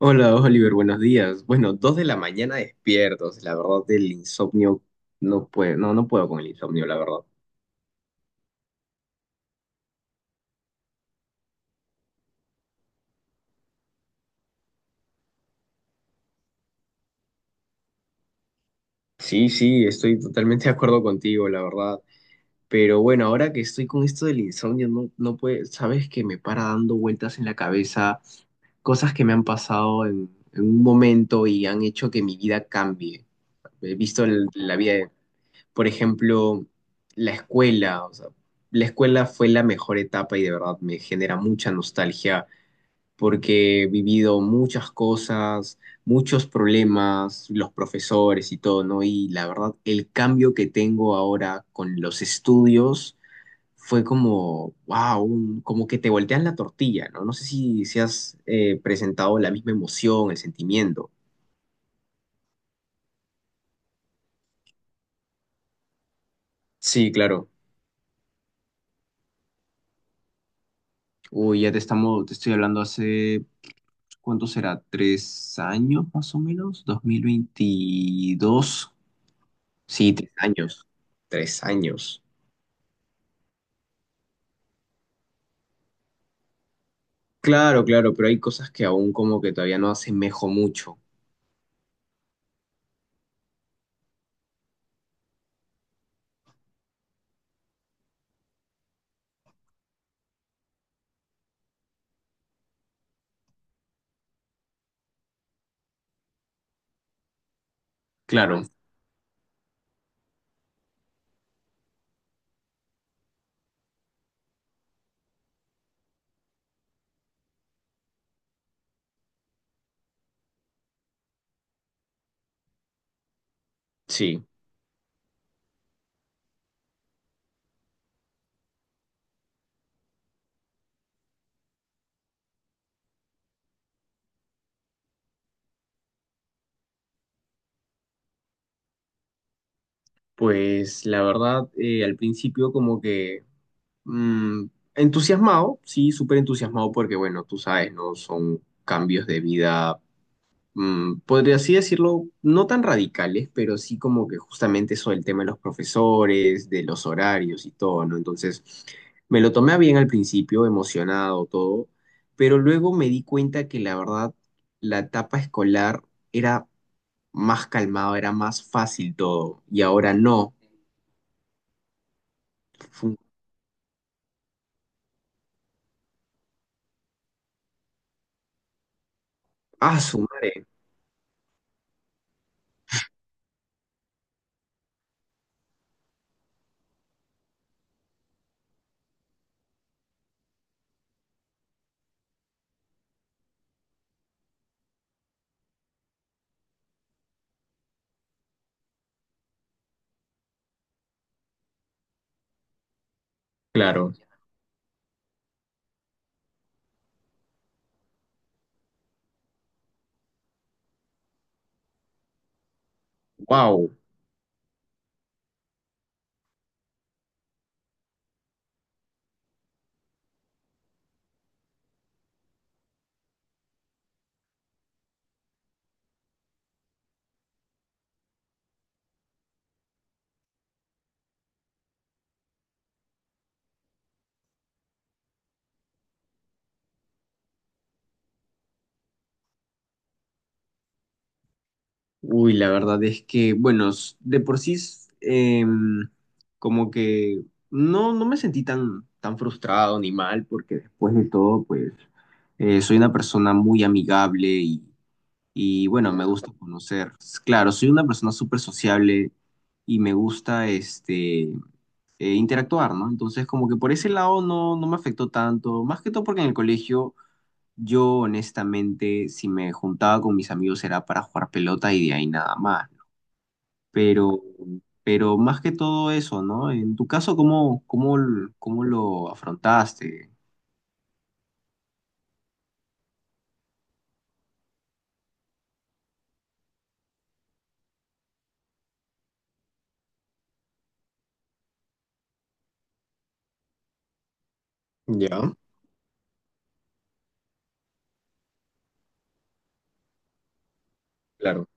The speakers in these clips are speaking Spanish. Hola Oliver, buenos días. Bueno, dos de la mañana despiertos. La verdad, del insomnio no puedo, no, no puedo con el insomnio, la verdad. Sí, sí, estoy totalmente de acuerdo contigo, la verdad. Pero bueno, ahora que estoy con esto del insomnio, no, no puede, sabes que me para dando vueltas en la cabeza cosas que me han pasado en un momento y han hecho que mi vida cambie. He visto la vida por ejemplo, la escuela, o sea, la escuela fue la mejor etapa y de verdad me genera mucha nostalgia porque he vivido muchas cosas, muchos problemas, los profesores y todo, ¿no? Y la verdad, el cambio que tengo ahora con los estudios fue como, wow, como que te voltean la tortilla, ¿no? No sé si, si has presentado la misma emoción, el sentimiento. Sí, claro. Uy, te estoy hablando hace, ¿cuánto será? ¿Tres años más o menos? ¿2022? Sí, tres años. Tres años. Claro, claro, pero hay cosas que aún como que todavía no asemejo mucho. Claro, sí. Pues la verdad, al principio como que mm, entusiasmado, sí, súper entusiasmado porque bueno, tú sabes, ¿no? Son cambios de vida podría así decirlo, no tan radicales, pero sí como que justamente eso del tema de los profesores, de los horarios y todo, ¿no? Entonces, me lo tomé a bien al principio, emocionado, todo, pero luego me di cuenta que la verdad, la etapa escolar era más calmado, era más fácil todo, y ahora no. Fue un- ¡Ah, su madre! Claro, wow. Uy, la verdad es que, bueno, de por sí, como que no, no me sentí tan, tan frustrado ni mal, porque después de todo, pues, soy una persona muy amigable bueno, me gusta conocer. Claro, soy una persona súper sociable y me gusta, este, interactuar, ¿no? Entonces, como que por ese lado no, no me afectó tanto, más que todo porque en el colegio... Yo, honestamente, si me juntaba con mis amigos era para jugar pelota y de ahí nada más, pero, pero más que todo eso, ¿no? En tu caso, ¿ cómo lo afrontaste? Ya, claro.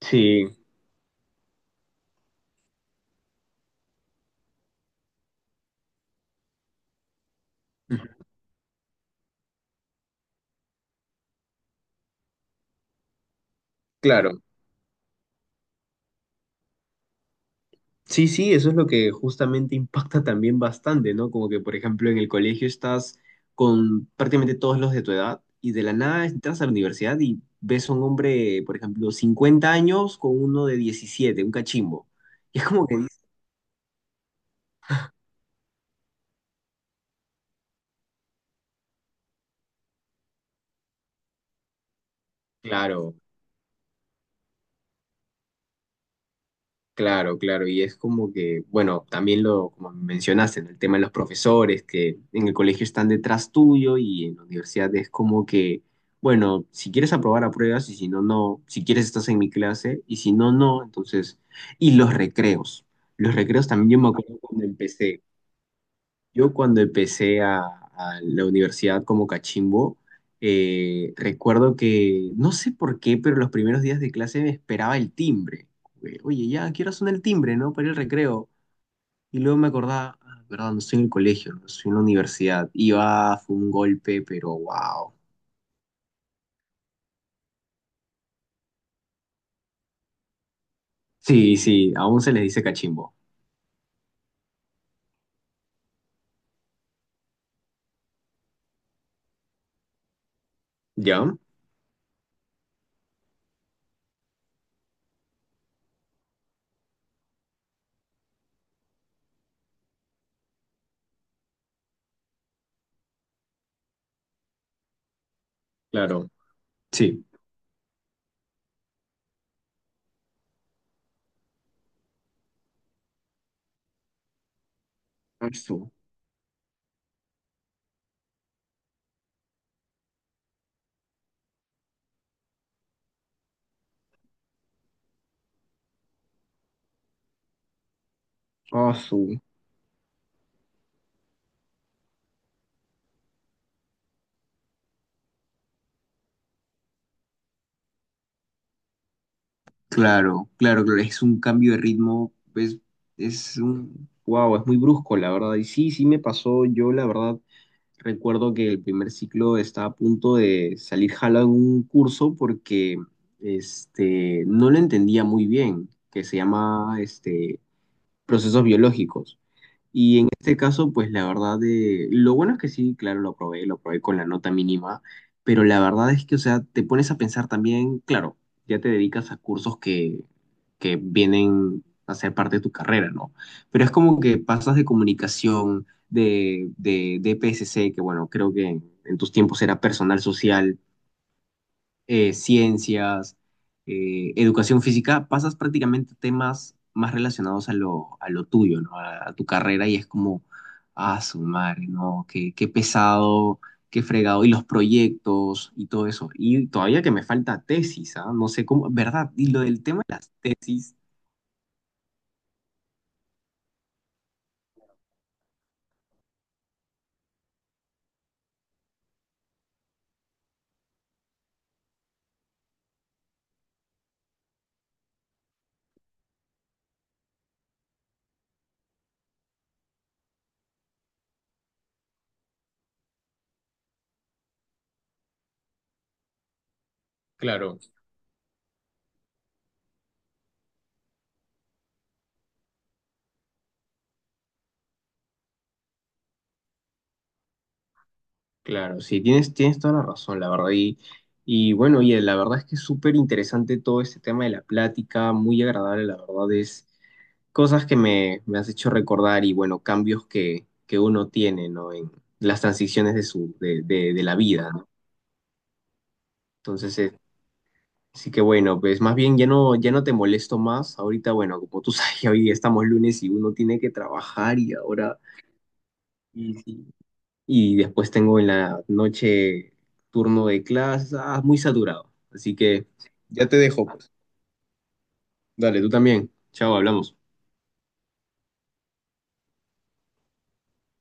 Sí, claro. Sí, sí, eso es lo que justamente impacta también bastante, ¿no? Como que, por ejemplo, en el colegio estás con prácticamente todos los de tu edad y de la nada entras a la universidad y ves a un hombre, por ejemplo, 50 años con uno de 17, un cachimbo. Y es como que dices, claro. Claro, claro, y es como que, bueno, también lo, como mencionaste, en el tema de los profesores, que en el colegio están detrás tuyo y en la universidad es como que, bueno, si quieres aprobar, apruebas y si no, no, si quieres estás en mi clase y si no, no, entonces, y los recreos también yo me acuerdo cuando empecé. Yo cuando empecé a la universidad como cachimbo, recuerdo que, no sé por qué, pero los primeros días de clase me esperaba el timbre. Oye, ya, quiero sonar el timbre, ¿no? Para el recreo. Y luego me acordaba, ah, verdad, no estoy en el colegio, no estoy en la universidad. Y va, fue un golpe, pero wow. Sí, sí, aún se les dice cachimbo. ¿Ya? Claro. Sí. Asu, asu. Claro, claro, claro, es un cambio de ritmo, pues es un, wow, es muy brusco, la verdad. Y sí, sí me pasó, yo la verdad recuerdo que el primer ciclo estaba a punto de salir jalado en un curso porque este, no lo entendía muy bien, que se llama este, procesos biológicos este caso, pues la verdad de... Lo bueno es que sí, claro, lo probé con la nota mínima, pero la verdad es que, o sea, te pones a pensar también, claro, ya te dedicas a cursos que vienen a ser parte de tu carrera, ¿no? Pero es como que pasas de comunicación, de PSC, que bueno, creo que en tus tiempos era personal social, ciencias, educación física, pasas prácticamente temas más relacionados a lo tuyo, ¿no? A tu carrera y es como, ah, su madre, ¿no? Qué pesado, qué fregado, y los proyectos y todo eso. Y todavía que me falta tesis, ¿ah? No sé cómo, ¿verdad? Y lo del tema de las tesis. Claro, claro, sí, tienes toda la razón, la verdad. Y bueno, y la verdad es que es súper interesante todo este tema de la plática, muy agradable, la verdad es cosas que me has hecho recordar y bueno, cambios que uno tiene, ¿no? En las transiciones de su, de la vida, ¿no? Entonces, sí que bueno, pues más bien ya no, ya no te molesto más. Ahorita, bueno, como tú sabes, ya hoy estamos lunes y uno tiene que trabajar y ahora, y, sí, y después tengo en la noche turno de clases, ah, muy saturado. Así que ya te dejo, pues. Dale, tú también. Chao, hablamos.